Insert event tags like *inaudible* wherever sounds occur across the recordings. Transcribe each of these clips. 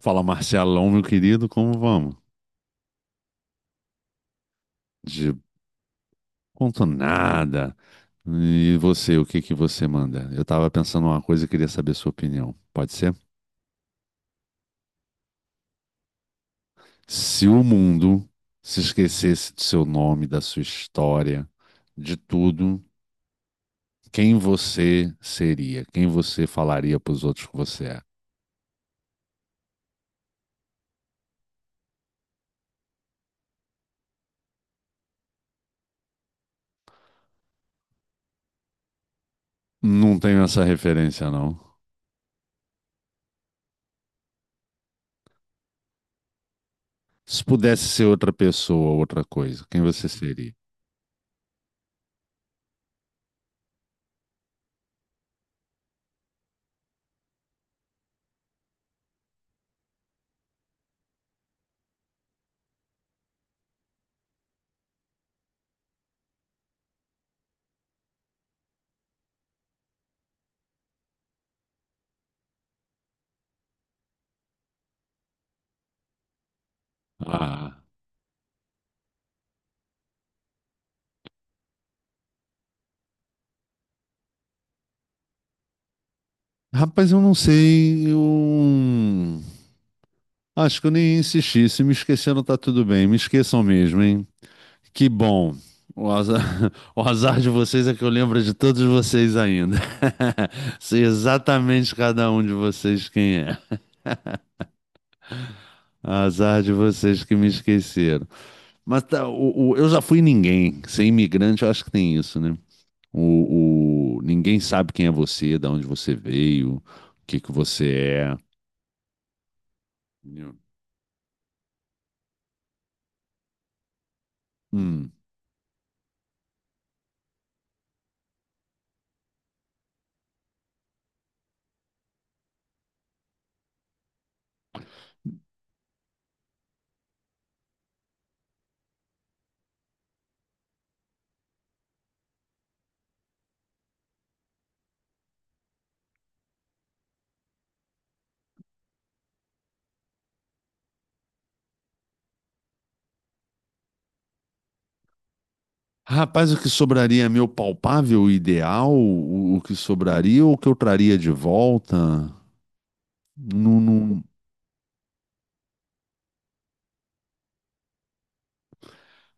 Fala Marcelão, meu querido, como vamos? De ponto nada. E você, o que que você manda? Eu tava pensando uma coisa e queria saber sua opinião. Pode ser? Se o mundo se esquecesse do seu nome, da sua história, de tudo, quem você seria? Quem você falaria pros outros que você é? Não tenho essa referência, não. Se pudesse ser outra pessoa, outra coisa, quem você seria? Ah, rapaz, eu não sei. Eu... acho que eu nem insisti. Se me esqueceram, tá tudo bem. Me esqueçam mesmo, hein? Que bom. O azar, *laughs* o azar de vocês é que eu lembro de todos vocês ainda. *laughs* Sei exatamente cada um de vocês quem é. Azar de vocês que me esqueceram. Mas tá, eu já fui ninguém. Ser imigrante, eu acho que tem isso, né? Ninguém sabe quem é você, de onde você veio, o que que você é. Hum. Rapaz, o que sobraria é meu palpável ideal? O que sobraria ou o que eu traria de volta? Não.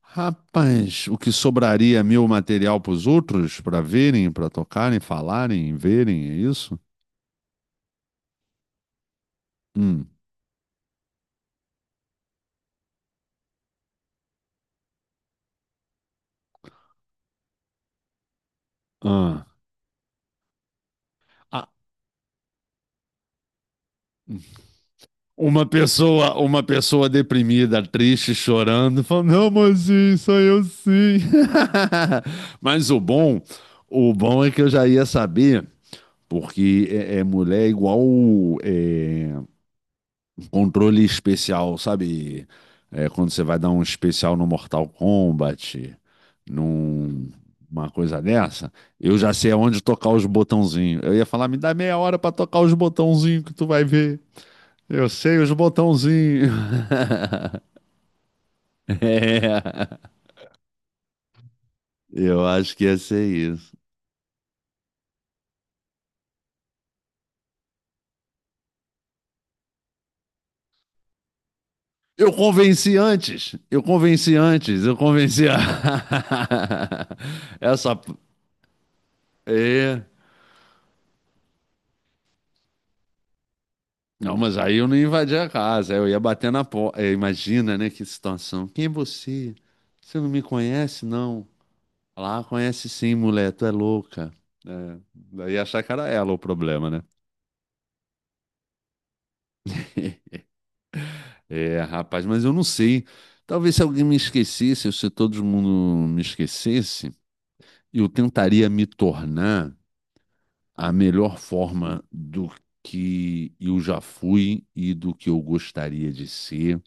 Rapaz, o que sobraria é meu material para os outros, para verem, para tocarem, falarem, verem, é isso? Hum. Ah. Ah, uma pessoa, uma pessoa deprimida, triste, chorando, falando, não, mozinho, sou eu sim. *laughs* Mas o bom é que eu já ia saber. Porque é, é mulher é igual é, controle especial, sabe? É, quando você vai dar um especial no Mortal Kombat, numa coisa dessa, eu já sei aonde tocar os botãozinhos. Eu ia falar, me dá 30 minutos pra tocar os botãozinhos que tu vai ver. Eu sei os botãozinhos. *laughs* É, eu acho que ia ser isso. Eu convenci a... *laughs* essa. É. Não, mas aí eu não invadia a casa, eu ia bater na porta. Imagina, né, que situação. Quem é você? Você não me conhece, não? Lá, conhece sim, mulher, tu é louca. É, daí ia achar que era ela o problema, né? *laughs* É, rapaz, mas eu não sei. Talvez se alguém me esquecesse, ou se todo mundo me esquecesse, eu tentaria me tornar a melhor forma do que eu já fui e do que eu gostaria de ser,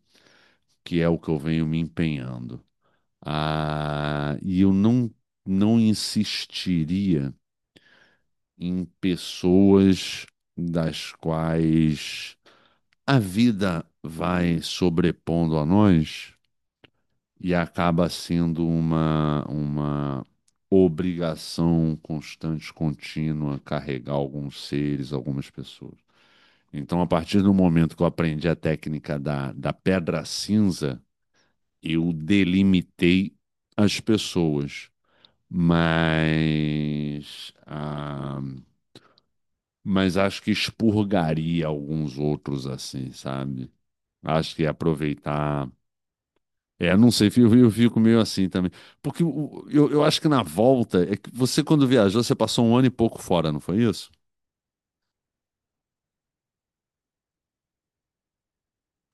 que é o que eu venho me empenhando. Ah, e eu não, não insistiria em pessoas das quais a vida vai sobrepondo a nós e acaba sendo uma obrigação constante, contínua, carregar alguns seres, algumas pessoas. Então, a partir do momento que eu aprendi a técnica da pedra cinza, eu delimitei as pessoas. Mas ah, mas acho que expurgaria alguns outros assim, sabe? Acho que ia aproveitar. É, não sei, eu fico meio assim também. Porque o- eu acho que na volta, é que você quando viajou, você passou um ano e pouco fora, não foi isso?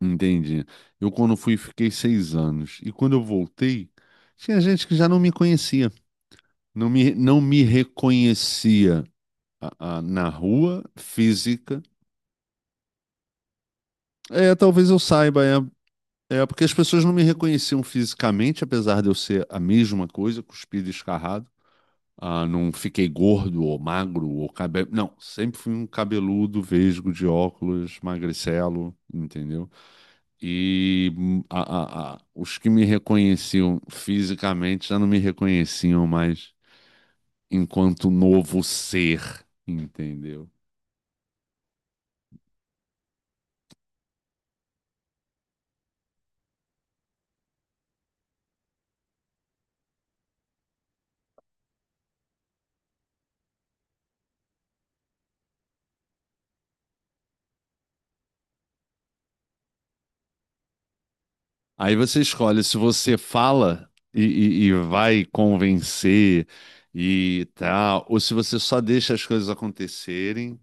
Entendi. Eu quando fui, fiquei 6 anos. E quando eu voltei, tinha gente que já não me conhecia. Não me reconhecia ah, ah, na rua, física. É, talvez eu saiba, é. É, porque as pessoas não me reconheciam fisicamente, apesar de eu ser a mesma coisa, cuspido e escarrado. Ah, não fiquei gordo ou magro ou cabelo. Não, sempre fui um cabeludo, vesgo, de óculos, magricelo, entendeu? E os que me reconheciam fisicamente já não me reconheciam mais enquanto novo ser, entendeu? Aí você escolhe se você fala e vai convencer e tal, ou se você só deixa as coisas acontecerem,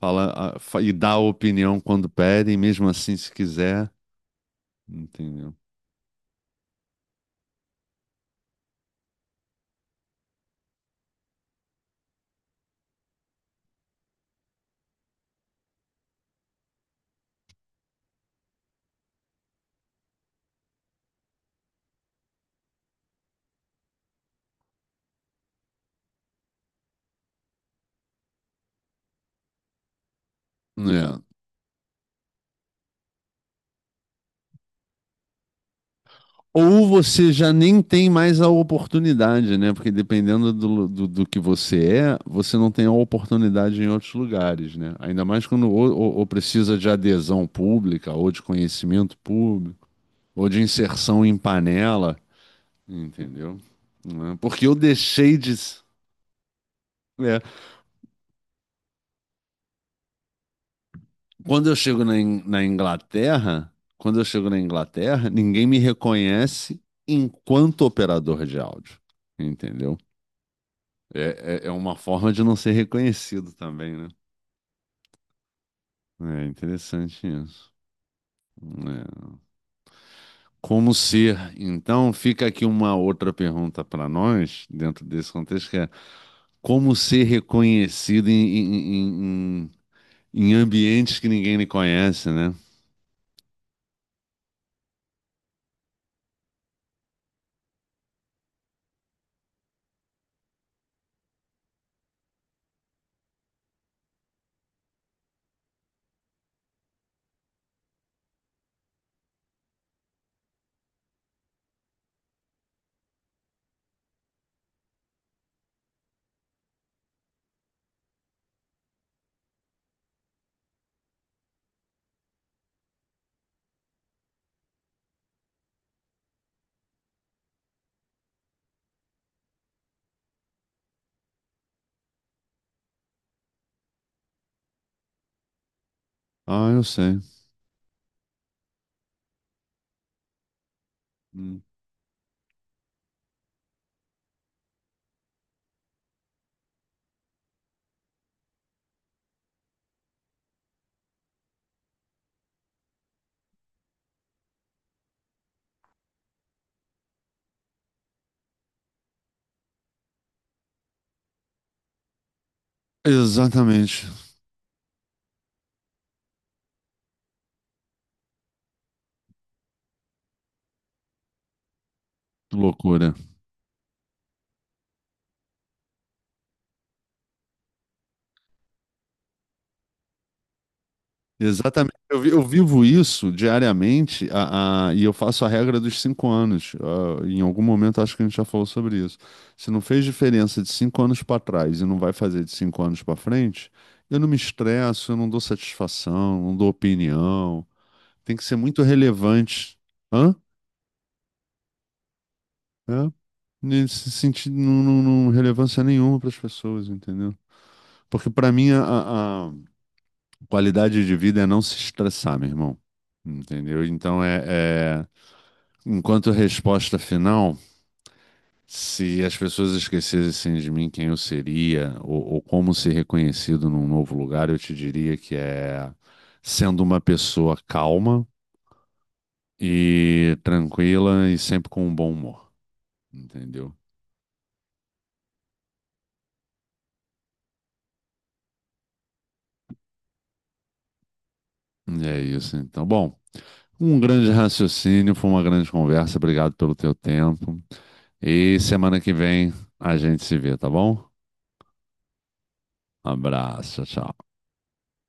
fala ah, fa- e dá a opinião quando pedem, mesmo assim se quiser, entendeu? É. Ou você já nem tem mais a oportunidade, né? Porque dependendo do que você é, você não tem a oportunidade em outros lugares, né? Ainda mais quando ou precisa de adesão pública ou de conhecimento público, ou de inserção em panela, entendeu? Né? Porque eu deixei de. É, quando eu chego na, In- na Inglaterra, quando eu chego na Inglaterra, ninguém me reconhece enquanto operador de áudio, entendeu? É uma forma de não ser reconhecido também, né? É interessante isso. Né? Como ser? Então, fica aqui uma outra pergunta para nós, dentro desse contexto, que é como ser reconhecido em- em ambientes que ninguém lhe conhece, né? Ah, eu sei. Hum. Exatamente. Que loucura. Exatamente. Eu, vi- eu vivo isso diariamente a- e eu faço a regra dos 5 anos. Ah, em algum momento acho que a gente já falou sobre isso. Se não fez diferença de 5 anos para trás e não vai fazer de 5 anos para frente, eu não me estresso, eu não dou satisfação, não dou opinião. Tem que ser muito relevante. Hã? É. Nesse sentido, não relevância nenhuma para as pessoas, entendeu? Porque para mim a qualidade de vida é não se estressar, meu irmão. Entendeu? Então é, é- enquanto resposta final, se as pessoas esquecessem de mim quem eu seria ou como ser reconhecido num novo lugar, eu te diria que é sendo uma pessoa calma e tranquila e sempre com um bom humor. Entendeu? E é isso, então. Bom, um grande raciocínio, foi uma grande conversa. Obrigado pelo teu tempo. E semana que vem a gente se vê, tá bom? Abraço, tchau.